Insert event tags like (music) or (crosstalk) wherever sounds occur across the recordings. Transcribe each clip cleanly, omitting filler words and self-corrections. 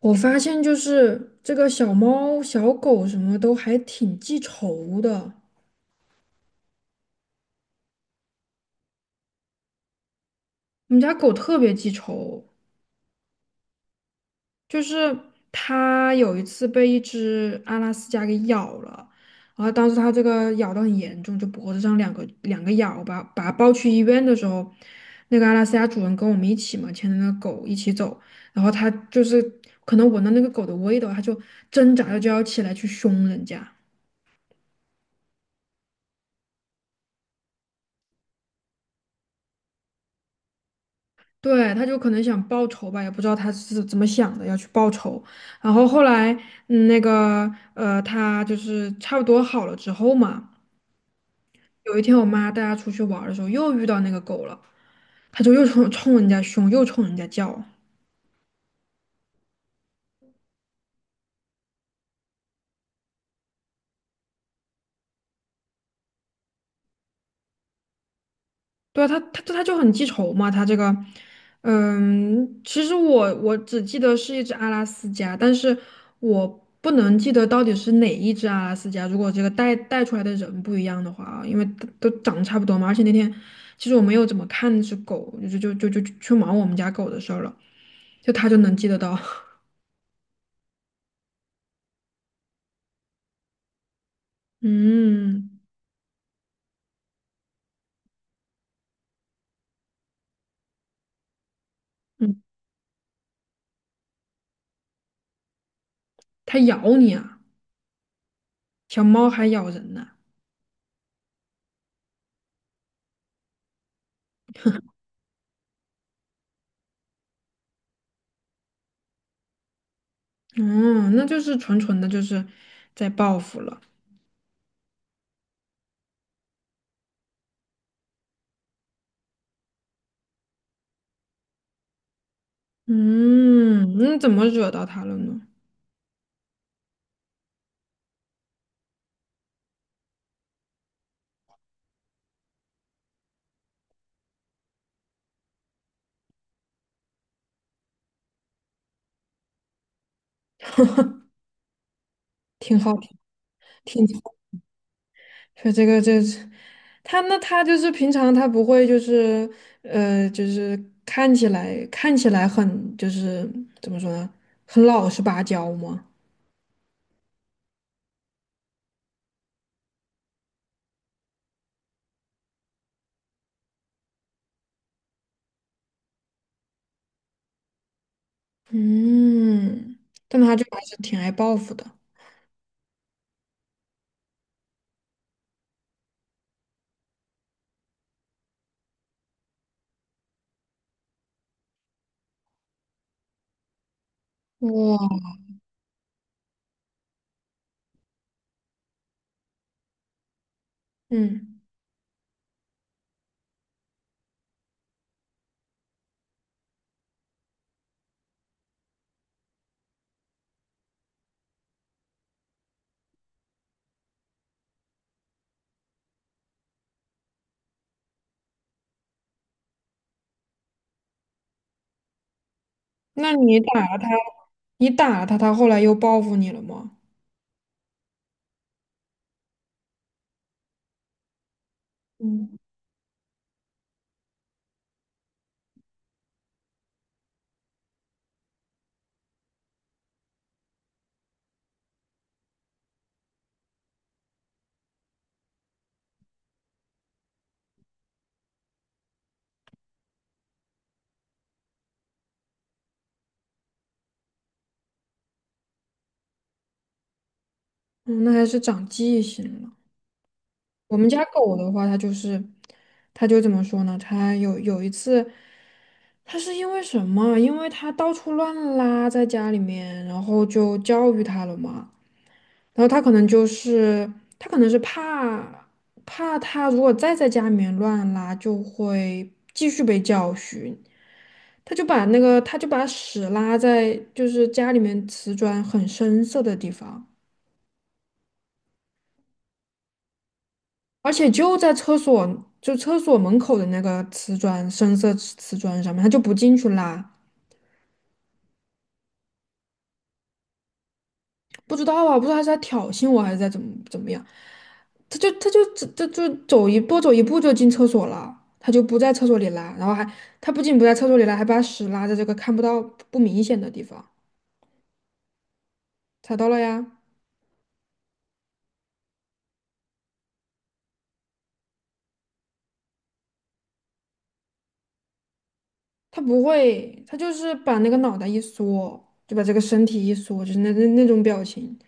我发现就是这个小猫、小狗什么都还挺记仇的。我们家狗特别记仇，就是它有一次被一只阿拉斯加给咬了，然后当时它这个咬得很严重，就脖子上两个咬吧，把它抱去医院的时候，那个阿拉斯加主人跟我们一起嘛，牵着那个狗一起走，然后它就是可能闻到那个狗的味道，它就挣扎着就要起来去凶人家。对，他就可能想报仇吧，也不知道他是怎么想的，要去报仇。然后后来，嗯那个，他就是差不多好了之后嘛，有一天我妈带他出去玩儿的时候，又遇到那个狗了，他就又冲人家凶，又冲人家叫。对啊，他就很记仇嘛，他这个，嗯，其实我只记得是一只阿拉斯加，但是我不能记得到底是哪一只阿拉斯加。如果这个带出来的人不一样的话啊，因为都长得差不多嘛，而且那天其实我没有怎么看那只狗，就去忙我们家狗的事儿了，就他就能记得到。(laughs) 嗯。嗯，它咬你啊，小猫还咬人呢、哦，那就是纯纯的就是在报复了。嗯，那怎么惹到他了呢？挺好 (laughs) 听，挺说这个这是他那他就是平常他不会就是就是看起来很就是怎么说呢，很老实巴交吗？嗯，但他就还是挺爱报复的。哇，嗯，那你打了他，你打了他，他后来又报复你了吗？嗯，嗯那还是长记性了。我们家狗的话，它就是，它就怎么说呢？它有一次，它是因为什么？因为它到处乱拉在家里面，然后就教育它了嘛。然后它可能就是，它可能是怕怕它如果再在家里面乱拉，就会继续被教训。它就把那个，它就把屎拉在就是家里面瓷砖很深色的地方。而且就在厕所，就厕所门口的那个瓷砖，深色瓷砖上面，他就不进去拉，不知道啊，不知道他是在挑衅我还是在怎么怎么样，他就走走一步就进厕所了，他就不在厕所里拉，然后还他不仅不在厕所里拉，还把屎拉在这个看不到不明显的地方，踩到了呀，他不会，他就是把那个脑袋一缩，就把这个身体一缩，就是那种表情，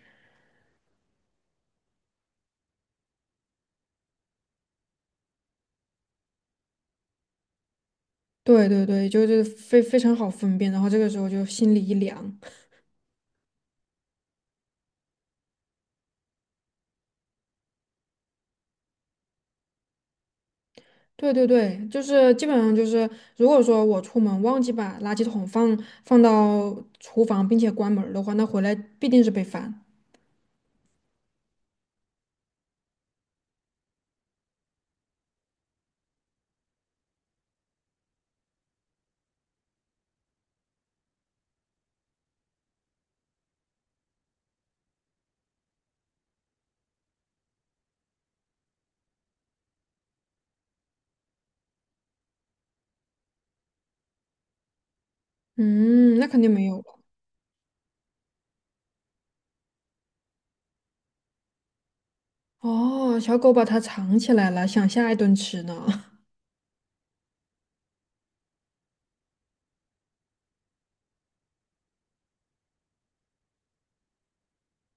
对对对，就是非常好分辨，然后这个时候就心里一凉。对对对，就是基本上就是，如果说我出门忘记把垃圾桶放到厨房，并且关门儿的话，那回来必定是被翻。嗯，那肯定没有了。哦，小狗把它藏起来了，想下一顿吃呢。(laughs)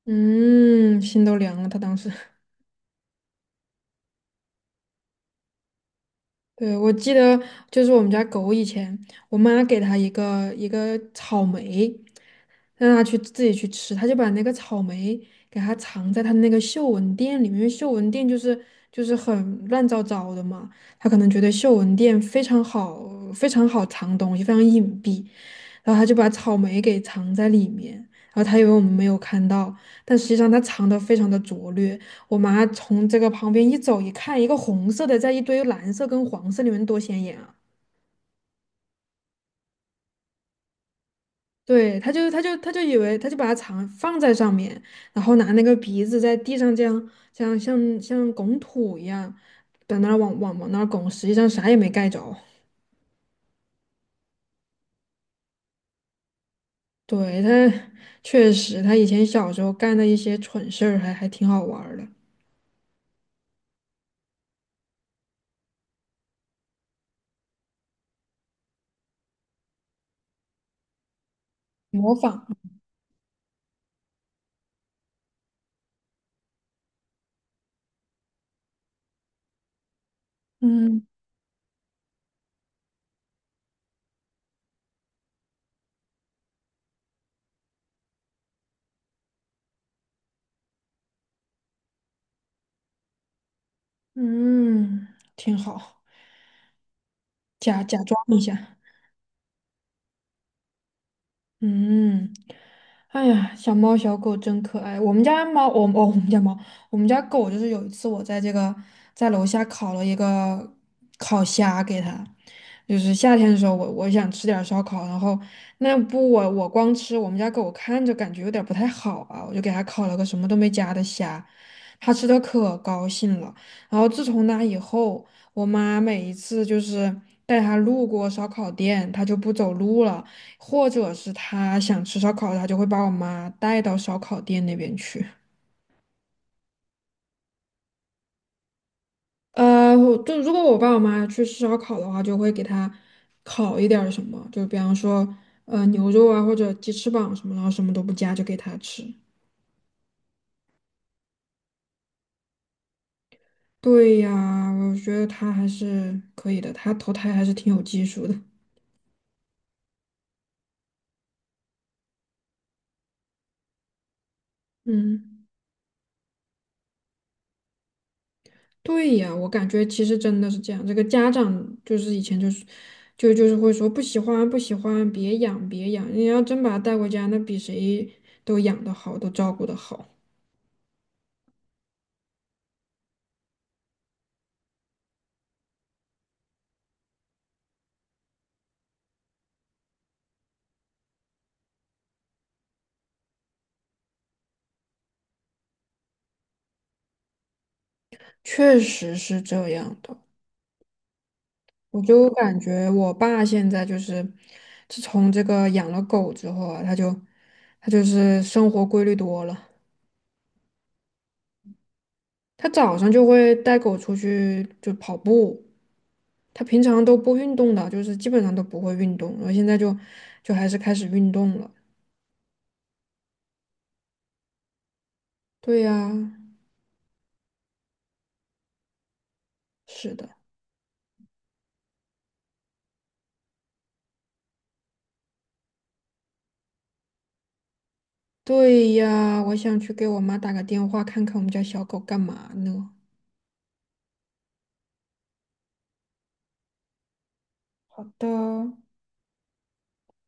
嗯，心都凉了。它当时，(laughs) 对，我记得就是我们家狗以前，我妈给它一个草莓，让他去自己去吃，他就把那个草莓给它藏在他那个嗅闻垫里面，因为嗅闻垫就是很乱糟糟的嘛，他可能觉得嗅闻垫非常好，非常好藏东西，非常隐蔽，然后他就把草莓给藏在里面，然后他以为我们没有看到，但实际上他藏得非常的拙劣，我妈从这个旁边一走一看，一个红色的在一堆蓝色跟黄色里面多显眼啊！对，他就以为他就把它藏放在上面，然后拿那个鼻子在地上这样像拱土一样，在那儿往那儿拱，实际上啥也没盖着。对，他确实，他以前小时候干的一些蠢事儿还挺好玩儿的，模仿，嗯。嗯，挺好，假装一下。嗯，哎呀，小猫小狗真可爱。我们家猫，我哦，我们家猫，我们家狗就是有一次我在这个在楼下烤了一个烤虾给它，就是夏天的时候我想吃点儿烧烤，然后那不我光吃我们家狗看着感觉有点儿不太好啊，我就给它烤了个什么都没加的虾，它吃的可高兴了。然后自从那以后，我妈每一次就是带它路过烧烤店，它就不走路了。或者是他想吃烧烤，他就会把我妈带到烧烤店那边去。呃，我就如果我爸我妈去吃烧烤的话，就会给他烤一点儿什么，就比方说牛肉啊或者鸡翅膀什么，然后什么都不加就给他吃。对呀，我觉得他还是可以的，他投胎还是挺有技术的。嗯。对呀，我感觉其实真的是这样。这个家长就是以前就是，就是会说不喜欢，别养。你要真把它带回家，那比谁都养得好，都照顾得好。确实是这样的。我就感觉我爸现在就是，自从这个养了狗之后啊，他就是生活规律多了。他早上就会带狗出去就跑步，他平常都不运动的，就是基本上都不会运动，然后现在就就还是开始运动了。对呀，是的，对呀，我想去给我妈打个电话，看看我们家小狗干嘛呢。好的。